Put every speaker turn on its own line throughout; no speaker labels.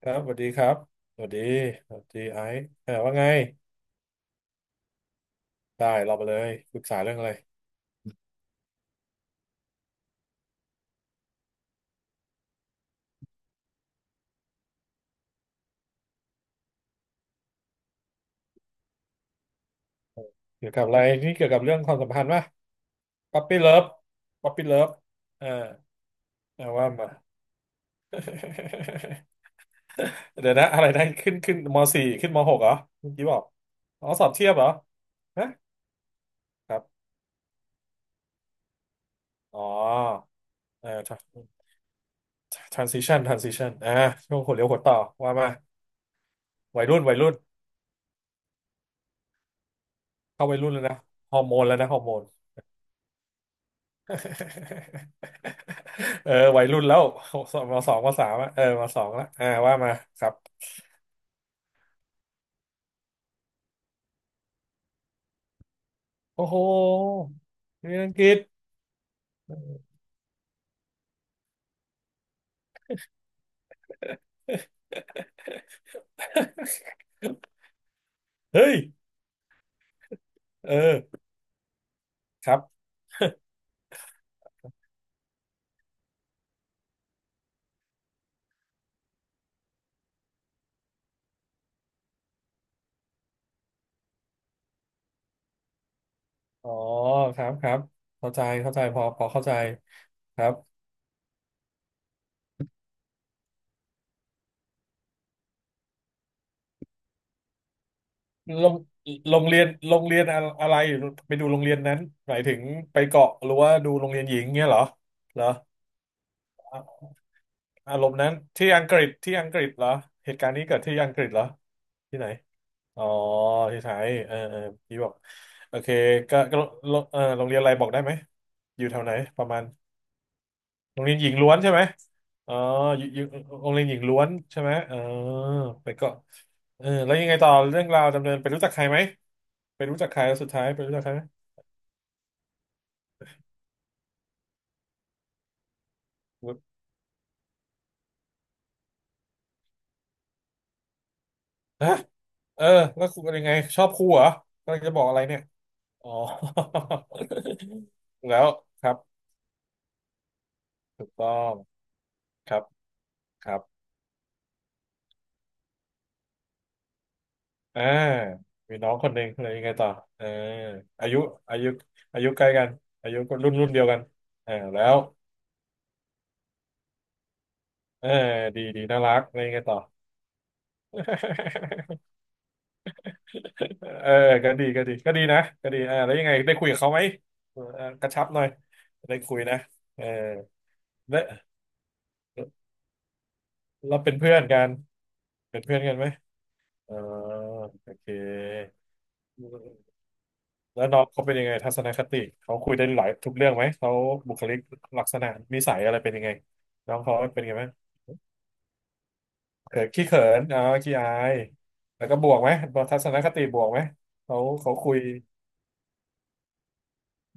ครับสวัสดีครับสวัสดีสวัสดีไอซ์ว่าไงได้เรามาเลยปรึกษาเรื่องอะไรเกี่ยวกับอะไรนี่เกี่ยวกับเรื่องความสัมพันธ์ป่ะป๊อปปี้เลิฟป๊อปปี้เลิฟเออเอาว่ามา เดี๋ยวนะอะไรนะขึ้นมสี่ขึ้นมหกเหรอเมื่อกี้บอกอ๋อสอบเทียบเหรอฮะครับอ๋อเออ transition transition ช่วงหัวเลี้ยวหัวต่อว่ามาวัยรุ่นวัยรุ่นเข้าวัยรุ่นแล้วนะฮอร์โมนแล้วนะฮอร์โมน เออวัยรุ่นแล้วมสองมสามอะเออมสองแลวว่ามาครับโอ้โหเรียนอังกฤษ เฮ้ยเออครับอ๋อครับครับเข้าใจเข้าใจพอพอเข้าใจครับโรงโรงเรียนอะไรไปดูโรงเรียนนั้นหมายถึงไปเกาะหรือว่าดูโรงเรียนหญิงเงี้ยเหรอเหรออะอารมณ์นั้นที่อังกฤษเหรอเหตุการณ์นี้เกิดที่อังกฤษเหรอที่ไหน อ๋อที่ไทยเออเออพี่บอกโอเคก็โรงเรียนอะไรบอกได้ไหมอยู่แถวไหนประมาณโรงเรียนหญิงล้วนใช่ไหมอ๋ออยู่อยู่โรงเรียนหญิงล้วนใช่ไหมเออไปก็เออแล้วยังไงต่อเรื่องราวดำเนินไปรู้จักใครไหมไปรู้จักใครแล้วสุดท้ายไปรู้จักใครไหมฮะเออแล้วคุณเป็นยังไงชอบครูเหรอกำลังจะบอกอะไรเนี่ยอ๋อ แล้วครับถูกต้องครับครับ อ่ามีน้องคนหนึ่งเลยยังไงต่อเอออายุอายุอายุใกล้กันอายุรุ่นเดียวกันเออแล้วเออดีดีน่ารักเลยยังไงต่อ เออก็ดีก็ดีก็ดีนะก็ดีแล้วยังไงได้คุยกับเขาไหมเออเออกระชับหน่อยได้คุยนะเออและเราเป็นเพื่อนกันเป็นเพื่อนกันไหมเออโอเค แล้วน้องเขาเป็นยังไงทัศนคติเขาคุยได้หลายทุกเรื่องไหมเขาบุคลิกลักษณะนิสัยอะไรเป็นยังไงน้องเขาเป็นยังไงบ้างเขินขี้เขินอ๋อขี้อายแล้วก็บวกไหมทัศนคติบวกไหมเขาคุย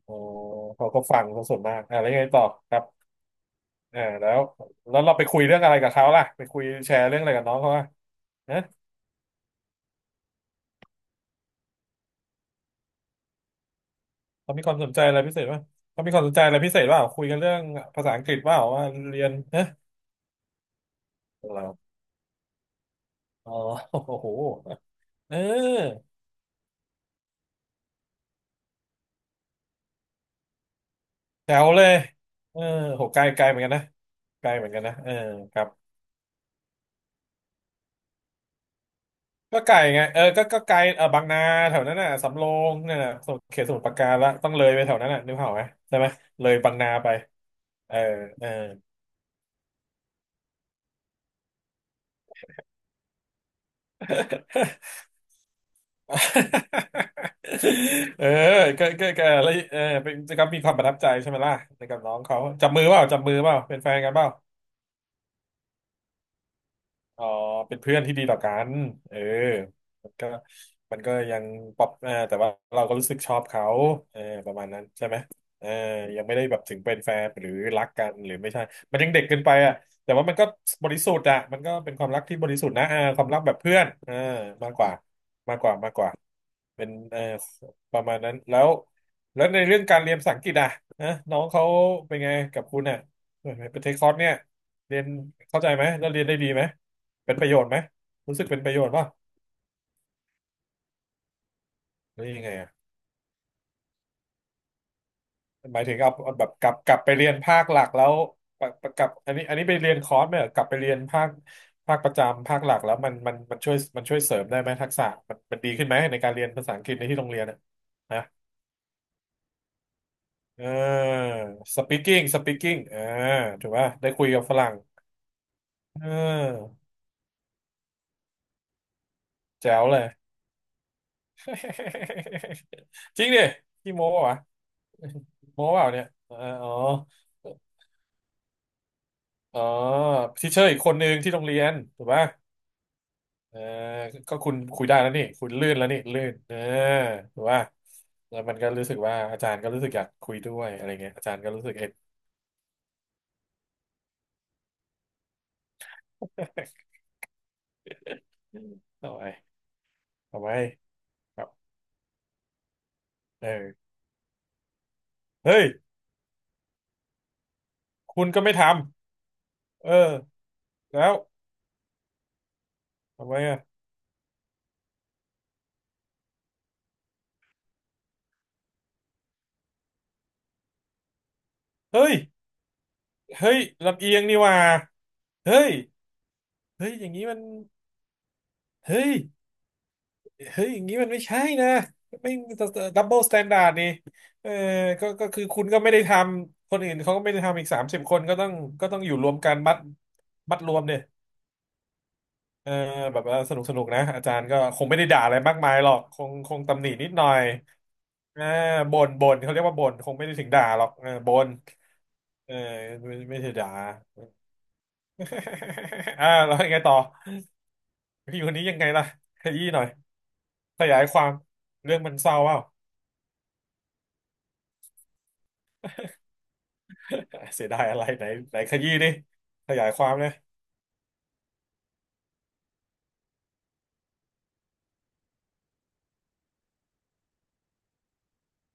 อ๋อเขาก็ฟังเขาส่วนมากอ่ะแล้วยังไงต่อครับอ่าแล้วเราไปคุยเรื่องอะไรกับเขาล่ะไปคุยแชร์เรื่องอะไรกับน้องเขาอ่ะนะเขามีความสนใจอะไรพิเศษป่ะเขามีความสนใจอะไรพิเศษป่ะคุยกันเรื่องภาษาอังกฤษป่ะว่าเรียนนะเราอ๋อ โอ้โหเออ แถวเลยเออโหไกลไกลเหมือนกันนะ ไกลเหมือนกันนะเออครับก็ไกลไงเออก็ไกลเออบางนาแถวนั้นน่ะ สำโรงนั่นน่ะสมุทรเขตสมุทรปราการละต้องเลยไปแถวนั้นน่ะนึกภาพออกไหมใช่ไหม เลยบางนาไป เออ เออ เออก็แล้วเออเป็นก็มีความประทับใจใช่ไหมล่ะในกับน้องเขาจับมือเปล่าจับมือเปล่าเป็นแฟนกันเปล่า อ๋อเป็นเพื่อนที่ดีต่อกันเออมันก็มันก็ยังปรับแต่ว่าเราก็รู้สึกชอบเขาเออประมาณนั้นใช่ไหมเออยังไม่ได้แบบถึงเป็นแฟนหรือรักกันหรือไม่ใช่มันยังเด็กเกินไปอ่ะแต่ว่ามันก็บริสุทธิ์อ่ะมันก็เป็นความรักที่บริสุทธิ์นะเออความรักแบบเพื่อนเออมากกว่ามากกว่ามากกว่า เป็นเออประมาณนั้นแล้วแล้วในเรื่องการเรียนภาษาอังกฤษอ่ะนะน้องเขาเป็นไงกับคุณอ่ะเปเทคคอร์สเนี่ยเรียนเข้าใจไหมแล้วเรียนได้ดีไหมเป็นประโยชน์ไหมรู้สึกเป็นประโยชน์ป่ะหรือยังไงอ่ะหมายถึงเอาแบบกลับไปเรียนภาคหลักแล้วปะกลับอันนี้ไปเรียนคอร์สไหมเหรอกลับไปเรียนภาคภาคประจำภาคหลักแล้วมันช่วยช่วยเสริมได้ไหมทักษะมันดีขึ้นไหมในการเรียนภาษาอังกฤษในที่โรงเรียนอ่ะนะ เออ speaking speaking เออถูกป่ะได้คุยกับฝรั่งเออแจ๋วเลย จริงดิพี่โม้ปะวะโม้เปล่าเนี่ยเอออ๋ออ๋อทีเชอร์อีกคนนึงที่โรงเรียนถูกป่ะเออก็คุณคุยได้แล้วนี่คุณลื่นแล้วนี่ลื่นเออถูกป่ะแล้วมันก็รู้สึกว่าอาจารย์ก็รู้สึกอยากคุยด้วยอะไรเงี้ยอาจารย์ก็รู้สึกเอ็นเอาไว้เอาไว้ครับเออเฮ้ยคุณก็ไม่ทำเออแล้ว ทำไมอ่ะเฮ้ยเฮ้ยลำเอียงนี่หว่าเฮ้ยเฮ้ยอย่างนี้มันเฮ้ยเฮ้ยอย่างนี้มันไม่ใช่นะไม่ดับเบิลสแตนดาร์ดนี่เออก็คือคุณก็ไม่ได้ทำ คนอื่นเขาก็ไม่ได้ทำอีก30คนก็ต้องก็ต้องอยู่รวมกันมัดมัดรวมเนี่ยเออแบบว่าสนุกสนุกนะอาจารย์ก็คงไม่ได้ด่าอะไรมากมายหรอกคงตำหนินิดหน่อยอ่าบ่นบ่นเขาเรียกว่าบ่นคงไม่ได้ถึงด่าหรอกเออบ่นเออไม่ใช่ด่า อ่าแล้วยังไงต่อผู้หญิงคนนี้ยังไงล่ะขยี้หน่อยขยายความเรื่องมันเศร้าเปล่า เสียดายอะไรไหนไหนขยี้ดิขยายความเนี่ย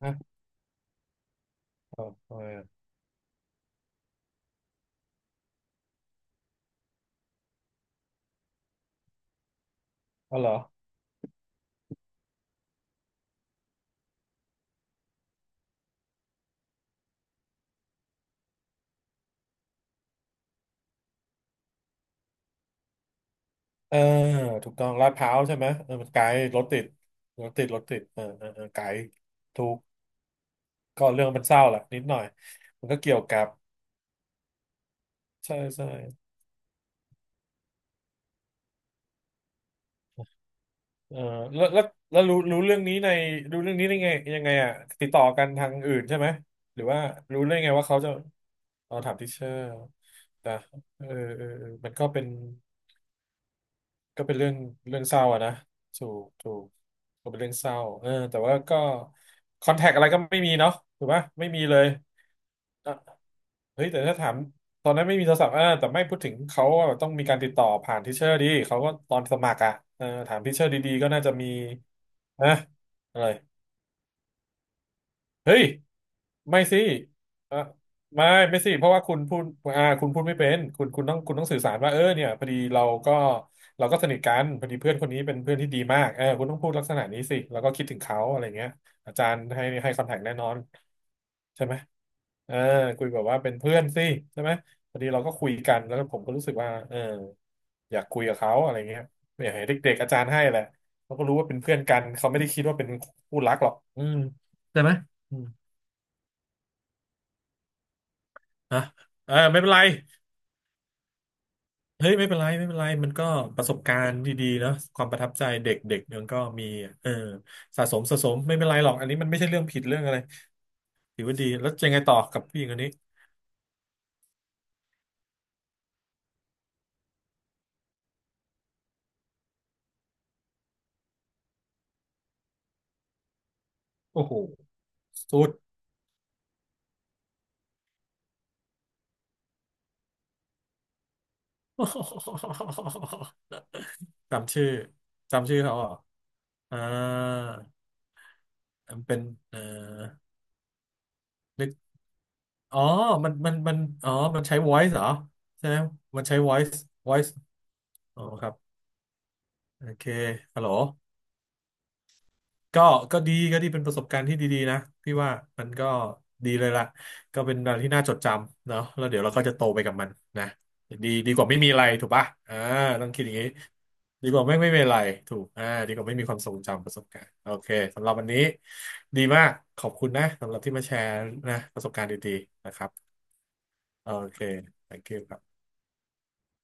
ฮะเออเออเอาเหรอเออถูกต้องลาดพร้าวใช่ไหมเออมันไกลรถติดรถติดรถติดเออเออเออไกลถูกก็เรื่องมันเศร้าแหละนิดหน่อยมันก็เกี่ยวกับใช่ใช่ เออแล้วแล้วแล้วรู้เรื่องนี้ในเรื่องนี้ได้ไงยังไงอ่ะติดต่อกันทางอื่นใช่ไหมหรือว่ารู้ได้ไงว่าเขาจะเอาถามทิเชอร์แต่เออเออเออมันก็เป็นก็เป็นเรื่องเรื่องเศร้าอะนะถูกถูกก็เป็นเรื่องเศร้าเออแต่ว่าก็คอนแทคอะไรก็ไม่มีเนาะถูกปะไม่มีเลย อ่ะเฮ้ยแต่ถ้าถามตอนนั้นไม่มีโทรศัพท์อ่าแต่ไม่พูดถึงเขาว่าต้องมีการติดต่อผ่านทิเชอร์ดีเขาก็ตอนสมัครอ่ะเออถามทิเชอร์ดีๆก็น่าจะมีนะอะไรเฮ้ยไม่สิเออไม่ไม่สิเพราะว่าคุณพูดอ่าคุณพูดไม่เป็นคุณต้องคุณต้องสื่อสารว่าเออเนี่ยพอดีเราก็เราก็สนิทกันพอดีเพื่อนคนนี้เป็นเพื่อนที่ดีมากเออคุณต้องพูดลักษณะนี้สิแล้วก็คิดถึงเขาอะไรเงี้ยอาจารย์ให้คอนแทคแน่นอน ใช่ไหมอ่าคุยแบบว่าเป็นเพื่อนสิใช่ไหมพอดีเราก็คุยกันแล้วก็ผมก็รู้สึกว่าเอออยากคุยกับเขาอะไรเงี้ยอยากให้เด็กๆอาจารย์ให้แหละเขาก็รู้ว่าเป็นเพื่อนกันเขาไม่ได้คิดว่าเป็นคู่รักหรอกอืมใช่ไหมอืมอ่ะเออไม่เป็นไรเฮ้ยไม่เป็นไรไม่เป็นไรมันก็ประสบการณ์ดีๆเนาะความประทับใจเด็กๆมันก็มีเออสะสมสะสมไม่เป็นไรหรอกอันนี้มันไม่ใช่เรื่องผิดเรื่องอะไรถือว่าดีแล้วยังไงต่อกับผู้หญิงคนนี้โอ้โหสุด จำชื่อจำชื่อเขาเหรออ่ามันเป็นเอ่อนึกอ๋อมันอ๋อ มันใช้ voice เหรอใช่ไหมมันใช้ voice voice อ๋อครับโอเคฮัลโหล ก็ก็ดีก็ดีเป็นประสบการณ์ที่ดีๆนะพี่ว่ามันก็ดีเลยล่ะก็เป็นอะไรที่น่าจดจำเนาะแล้วเดี๋ยวเราก็จะโตไปกับมันนะดีกว่าไม่มีอะไรถูกปะอ่าต้องคิดอย่างนี้ดีกว่าไม่มีอะไรถูกอ่าดีกว่าไม่มีความทรงจำประสบการณ์โอเคสำหรับวันนี้ดีมากขอบคุณนะสำหรับที่มาแชร์นะประสบการณ์ดีๆนะครับโอเค thank you ครับ